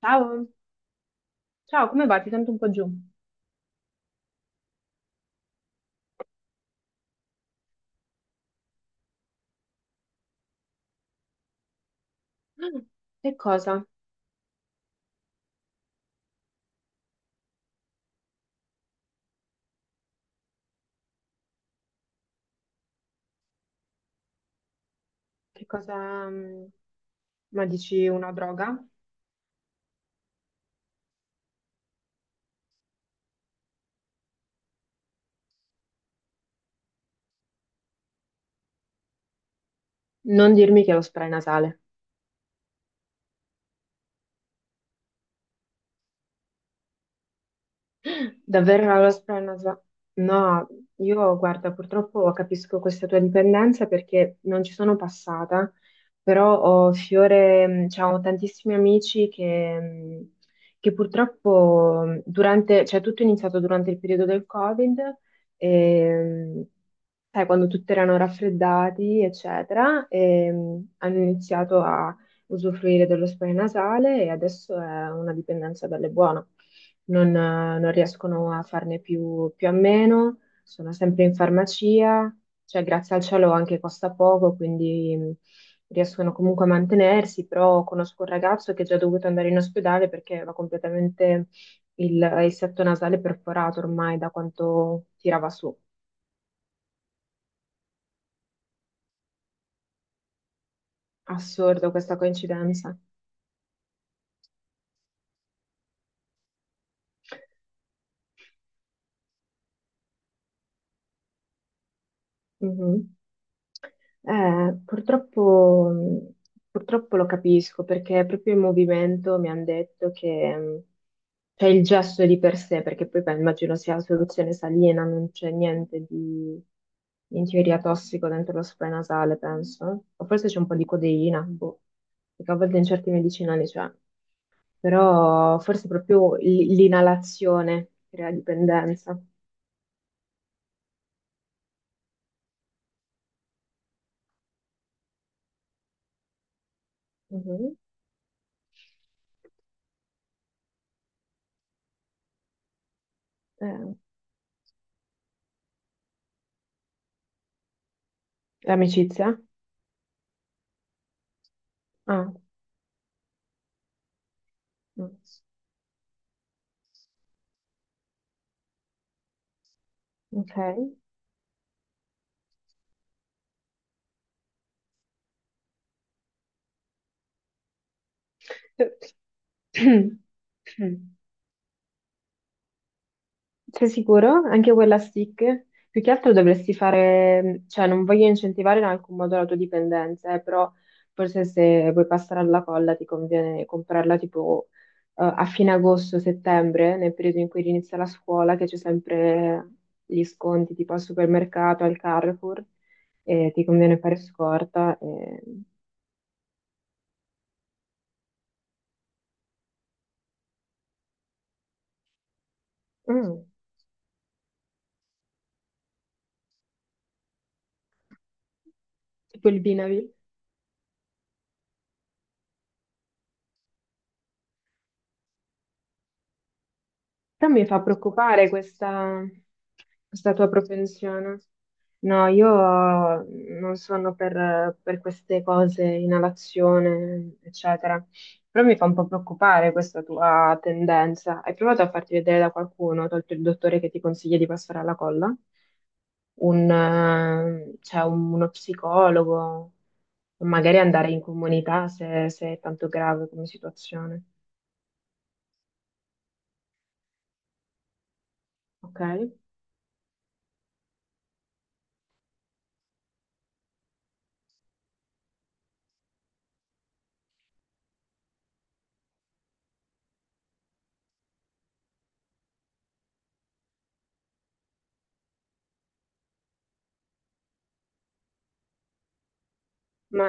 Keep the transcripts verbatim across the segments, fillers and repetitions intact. Ciao, ciao, come va? Ti sento un po' giù. Mm. Che cosa? Che cosa? mm, Ma dici una droga? Non dirmi che è lo spray nasale. Davvero era lo spray nasale? No, io guarda, purtroppo capisco questa tua dipendenza perché non ci sono passata, però ho fiore, mm, cioè, ho tantissimi amici che, mm, che purtroppo mm, durante, cioè tutto è iniziato durante il periodo del Covid. E, mm, sai, quando tutti erano raffreddati, eccetera, e, mh, hanno iniziato a usufruire dello spray nasale e adesso è una dipendenza bella e buona. Non, eh, non riescono a farne più, più a meno, sono sempre in farmacia, cioè grazie al cielo anche costa poco, quindi mh, riescono comunque a mantenersi, però conosco un ragazzo che è già dovuto andare in ospedale perché aveva completamente il, il setto nasale perforato ormai da quanto tirava su. Assurdo questa coincidenza. Mhm. Eh, purtroppo, mh, purtroppo lo capisco perché proprio in movimento mi hanno detto che mh, c'è il gesto di per sé, perché poi beh, immagino sia la soluzione salina, non c'è niente di in teoria tossico dentro lo spray nasale, penso. O forse c'è un po' di codeina, boh, perché a volte in certi medicinali c'è, però forse proprio l- l'inalazione crea dipendenza. Eh, l'amicizia? Ah, mm, ok. Sei sicuro? Anche quella stick? Più che altro dovresti fare, cioè non voglio incentivare in alcun modo la tua dipendenza, eh, però forse se vuoi passare alla colla ti conviene comprarla tipo eh, a fine agosto, settembre, nel periodo in cui inizia la scuola, che c'è sempre gli sconti tipo al supermercato, al Carrefour, e ti conviene fare scorta. E... Mm. Tipo il Vinavil. Però mi fa preoccupare questa, questa tua propensione. No, io non sono per, per queste cose, inalazione, eccetera. Però mi fa un po' preoccupare questa tua tendenza. Hai provato a farti vedere da qualcuno, tolto il dottore che ti consiglia di passare alla colla? Un, eh, cioè un- uno psicologo, o magari andare in comunità se, se è tanto grave come situazione. Ok? Ma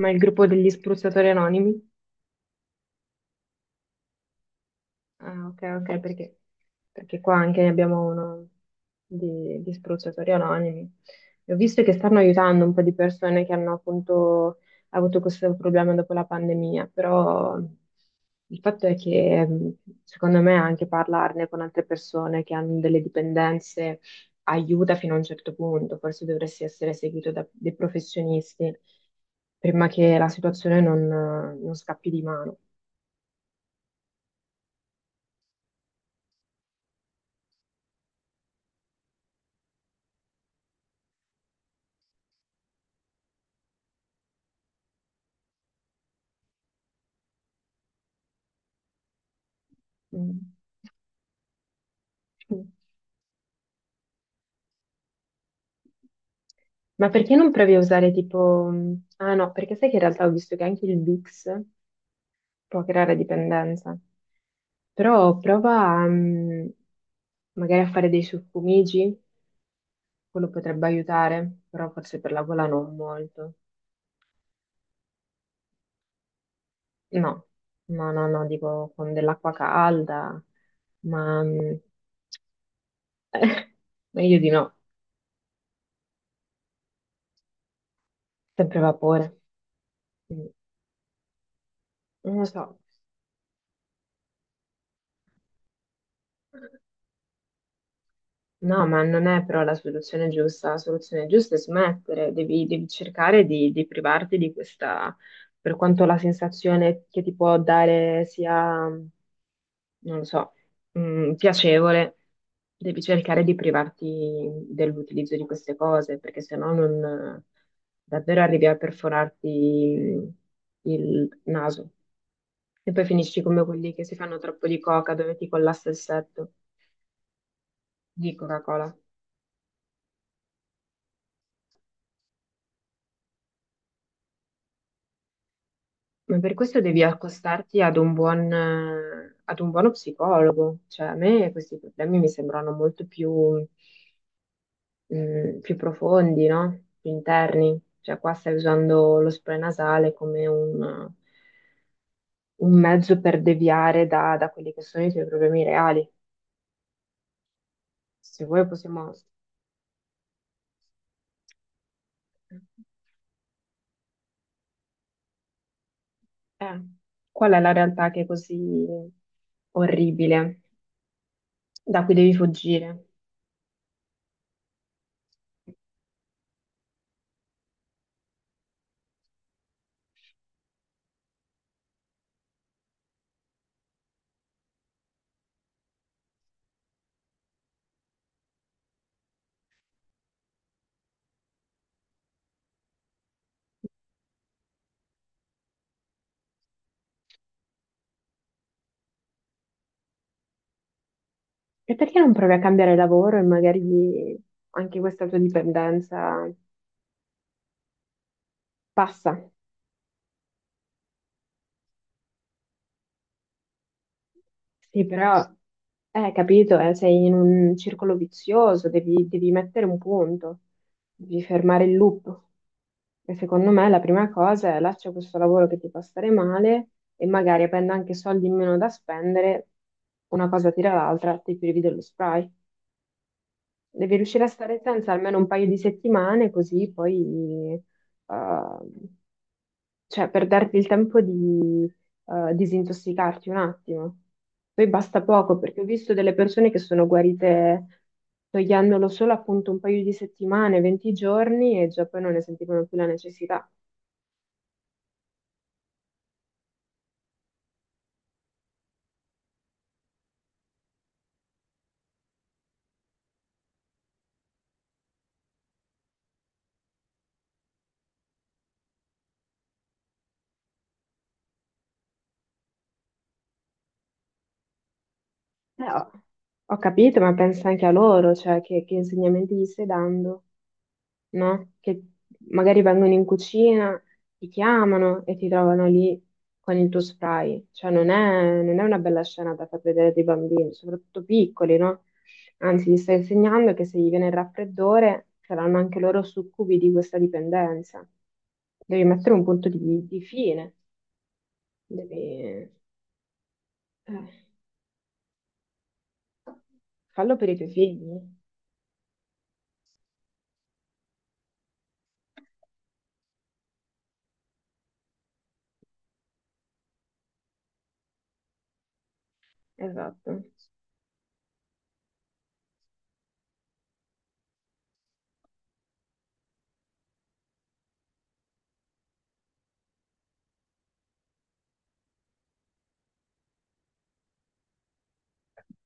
Ma il gruppo degli spruzzatori anonimi? Ah, ok, ok, sì. perché, perché qua anche ne abbiamo uno di, di spruzzatori anonimi. E ho visto che stanno aiutando un po' di persone che hanno appunto avuto questo problema dopo la pandemia, però il fatto è che mh, secondo me anche parlarne con altre persone che hanno delle dipendenze aiuta fino a un certo punto, forse dovresti essere seguito da dei professionisti prima che la situazione non non scappi di mano. Mm. Mm. Ma perché non provi a usare tipo... mm, ah no, perché sai che in realtà ho visto che anche il Bix può creare dipendenza. Però prova a, mm, magari a fare dei suffumigi, quello potrebbe aiutare, però forse per la gola non molto. No, no, no, no, dico con dell'acqua calda, ma mm, meglio di no, sempre vapore. Mm, Non lo so. No, ma non è però la soluzione giusta. La soluzione giusta è smettere, devi, devi cercare di, di privarti di questa, per quanto la sensazione che ti può dare sia, non lo so, mh, piacevole, devi cercare di privarti dell'utilizzo di queste cose, perché sennò non davvero arrivi a perforarti il naso. E poi finisci come quelli che si fanno troppo di coca, dove ti collassa il setto di Coca-Cola. Ma per questo devi accostarti ad un buon, eh, ad un buono psicologo. Cioè, a me questi problemi mi sembrano molto più, mm, più profondi, no? Più interni. Cioè, qua stai usando lo spray nasale come un, un mezzo per deviare da, da quelli che sono i tuoi problemi reali. Se vuoi possiamo... Eh, qual è la realtà che è così orribile, da cui devi fuggire? E perché non provi a cambiare lavoro e magari anche questa tua dipendenza passa? Sì, però, eh, capito, eh, sei in un circolo vizioso, devi, devi mettere un punto, devi fermare il loop. E secondo me la prima cosa è lascia questo lavoro che ti fa stare male e magari avendo anche soldi in meno da spendere, una cosa tira l'altra, ti privi dello spray. Devi riuscire a stare senza almeno un paio di settimane, così poi, eh, cioè, per darti il tempo di eh, disintossicarti un attimo. Poi basta poco, perché ho visto delle persone che sono guarite togliendolo solo appunto un paio di settimane, venti giorni, e già poi non ne sentivano più la necessità. Eh, ho, ho capito, ma pensa anche a loro, cioè che, che insegnamenti gli stai dando. No? Che magari vengono in cucina, ti chiamano e ti trovano lì con il tuo spray. Cioè, non è, non è una bella scena da far vedere dei bambini, soprattutto piccoli, no? Anzi, gli stai insegnando che se gli viene il raffreddore saranno anche loro succubi di questa dipendenza. Devi mettere un punto di, di fine, devi... eh, fallo per i tuoi figli. Esatto.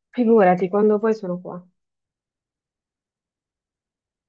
Figurati, quando poi sono qua.